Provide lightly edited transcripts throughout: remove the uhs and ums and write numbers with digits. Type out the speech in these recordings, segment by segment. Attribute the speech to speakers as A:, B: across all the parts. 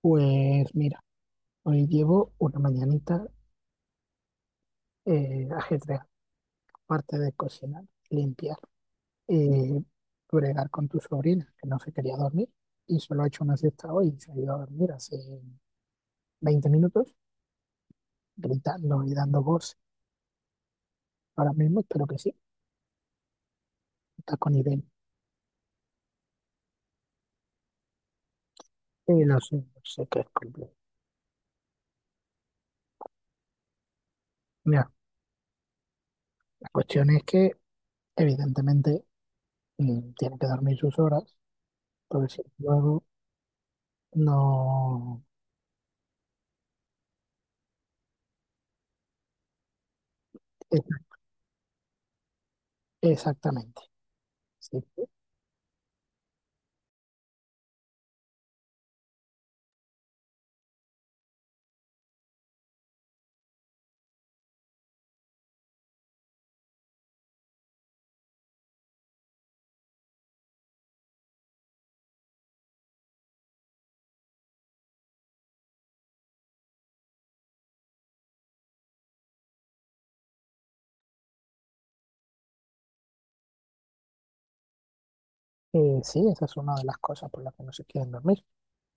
A: Pues mira, hoy llevo una mañanita ajedrez, aparte de cocinar, limpiar, eh, bregar con tu sobrina, que no se quería dormir, y solo ha hecho una siesta hoy y se ha ido a dormir hace 20 minutos, gritando y dando voz. Ahora mismo espero que sí, está con nivel. Lo sé, lo sé que es complejo. Mira, la cuestión es que evidentemente tiene que dormir sus horas, porque si luego no. Exactamente. Sí. Sí, esa es una de las cosas por las que no se quieren dormir.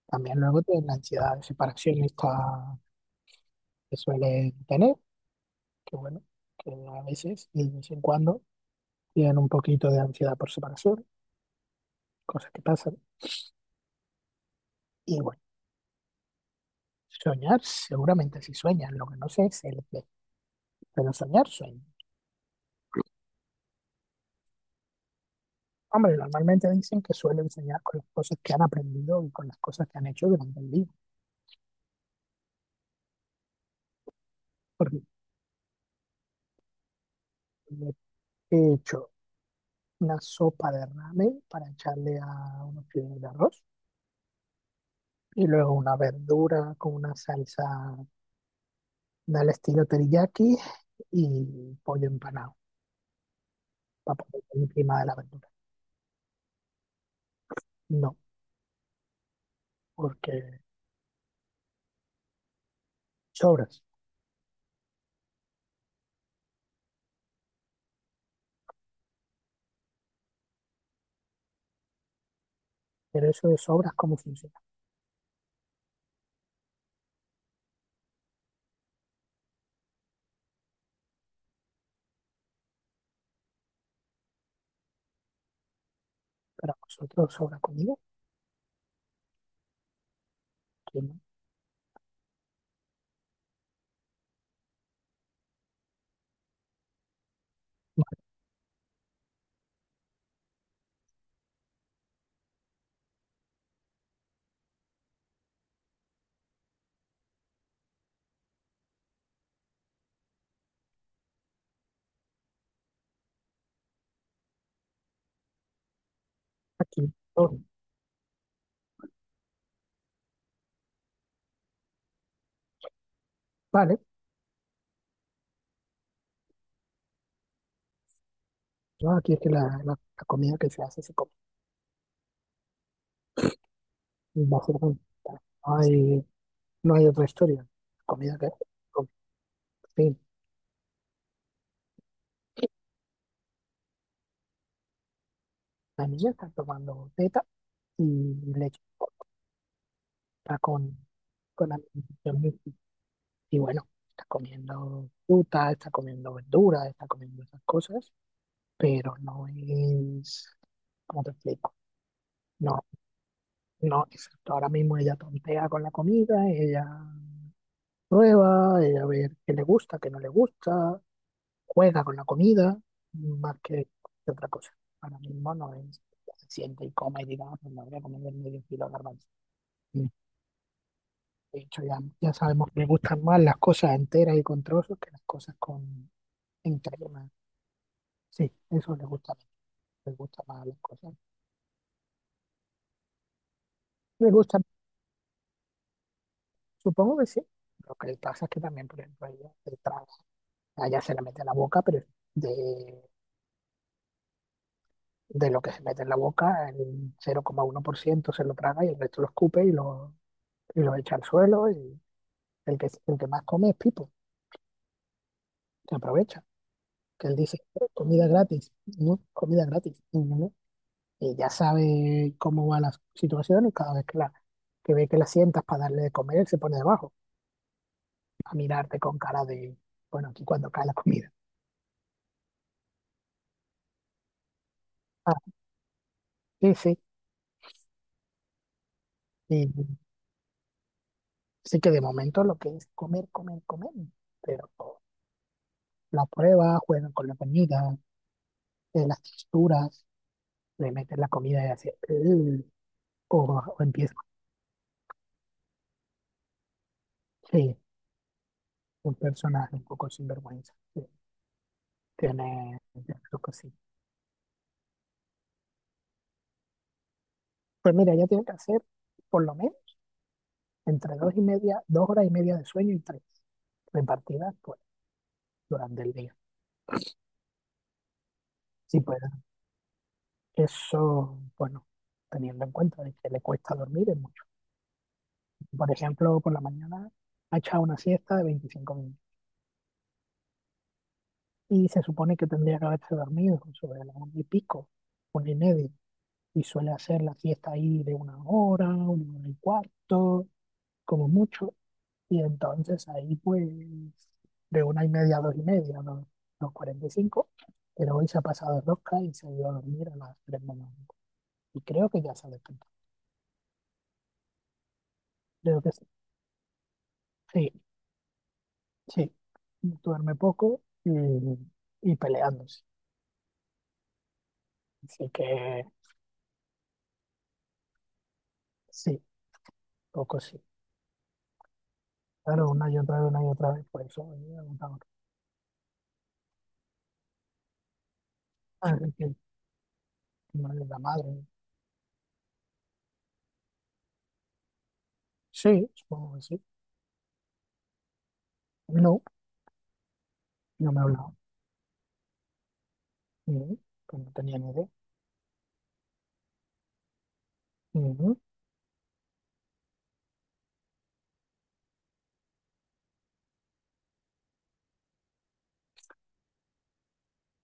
A: También luego tienen la ansiedad de separación esta que suelen tener, que bueno, que a veces y de vez en cuando tienen un poquito de ansiedad por separación, cosas que pasan. Y bueno, soñar, seguramente sí sueñan, lo que no sé es el qué, pero soñar sueñan. Hombre, normalmente dicen que suelen soñar con las cosas que han aprendido y con las cosas que han hecho durante el día. Porque he hecho una sopa de ramen para echarle a unos fideos de arroz y luego una verdura con una salsa del estilo teriyaki y pollo empanado para poner encima de la verdura. No, porque sobras. Pero eso de sobras, ¿cómo funciona? Para vosotros sobra comida, aquí no. Aquí todo. Vale, no, aquí es que la comida que se hace se come. Básicamente, No hay, no hay otra historia. Comida que con- sí, la niña está tomando teta y leche. Está con alimentación. Y bueno, está comiendo fruta, está comiendo verduras, está comiendo esas cosas, pero no es, ¿cómo te explico? No, no, exacto. Ahora mismo ella tontea con la comida, ella prueba, ella ve qué le gusta, qué no le gusta, juega con la comida, más que otra cosa. Ahora mismo no es, se siente y coma y diga, "Ah, pues me voy a comer medio kilo de garbanzo". De hecho, ya sabemos que me gustan más las cosas enteras y con trozos que las cosas con, en crema. Sí, eso le gusta más las cosas. Le gusta, supongo que sí. Lo que le pasa es que también, por ejemplo, ella se traga, a ella se le mete en la boca, pero de, de lo que se mete en la boca, el 0,1% se lo traga y el resto lo escupe y lo echa al suelo. Y el que más come es Pipo, que aprovecha, que él dice, comida gratis, ¿no? Comida gratis". Y, no, y ya sabe cómo va la situación y cada vez que ve que la sientas para darle de comer, él se pone debajo. A mirarte con cara de, bueno, aquí cuando cae la comida. Ah, sí, sí. Y sí que de momento lo que es comer, comer, comer, pero la prueba, juegan con la comida, las texturas, le meten la comida y hace, "Ugh", o, o empieza, sí, un personaje un poco sinvergüenza. Sí, tiene su cosita. Pues mira, ya tiene que hacer por lo menos entre dos y media, 2 horas y media de sueño y tres repartidas pues, durante el día. Si puedes. Eso, bueno, teniendo en cuenta de que le cuesta dormir es mucho. Por ejemplo, por la mañana ha echado una siesta de 25 minutos y se supone que tendría que haberse dormido sobre la una y pico, una y media, y suele hacer la siesta ahí de una hora y cuarto, como mucho, y entonces ahí pues de una y media a dos y media, no, no 45, pero hoy se ha pasado de rosca y se ha ido a dormir a las 3 de la mañana. Y creo que ya se ha despertado. Creo que sí. Sí, sí, duerme poco y peleándose. Así que sí, poco sí. Claro, una y otra vez, una y otra vez, por eso me agotador. Ah, es que no es la madre. Sí, supongo que sí. No, no me hablaba. Mm, pues no tenía ni idea. Mm,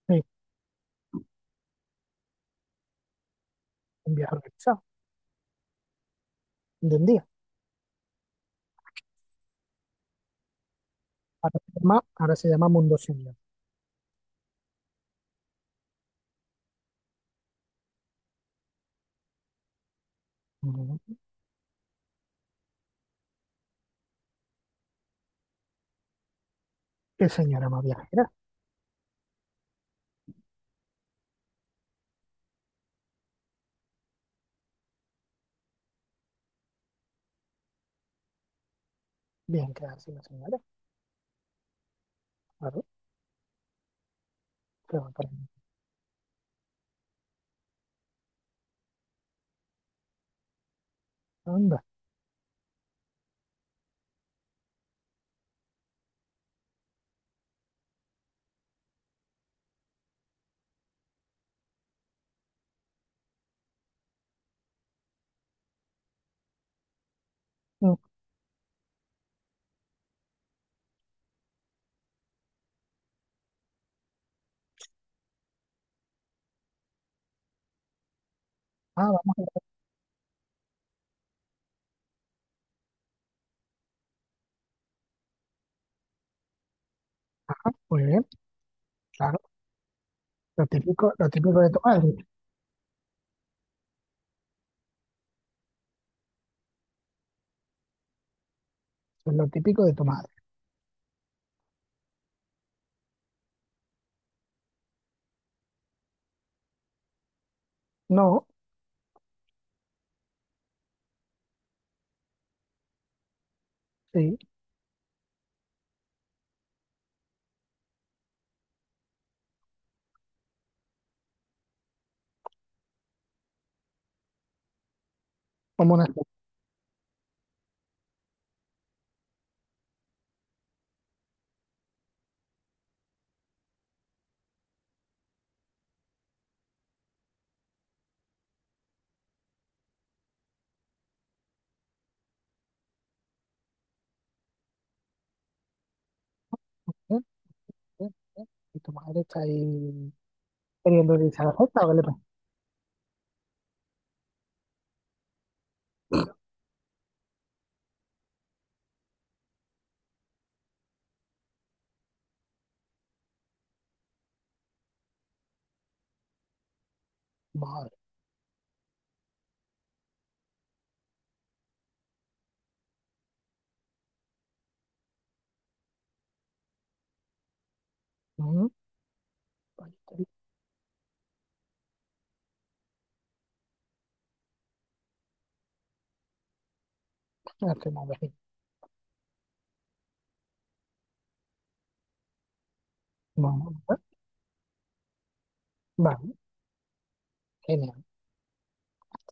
A: sí, un viaje organizado, de un día. Ahora se llama Mundo Senior. Mm, ¿Qué señora más viajera? Bien, quedarse la señora. Claro, que va para mí. Anda. Mm, Ah, vamos a ver. Muy bien, claro. Lo típico de tomar. Es lo típico de tu madre. No, sí, como una. ¿Eh? ¿Eh? ¿Eh? Y tu madre está ahí queriendo utilizar la cesta, ¿o qué le pasa? Madre. ¿No? Pues, ya está, ya estoy más vecino. Bueno, pues, vale, genial.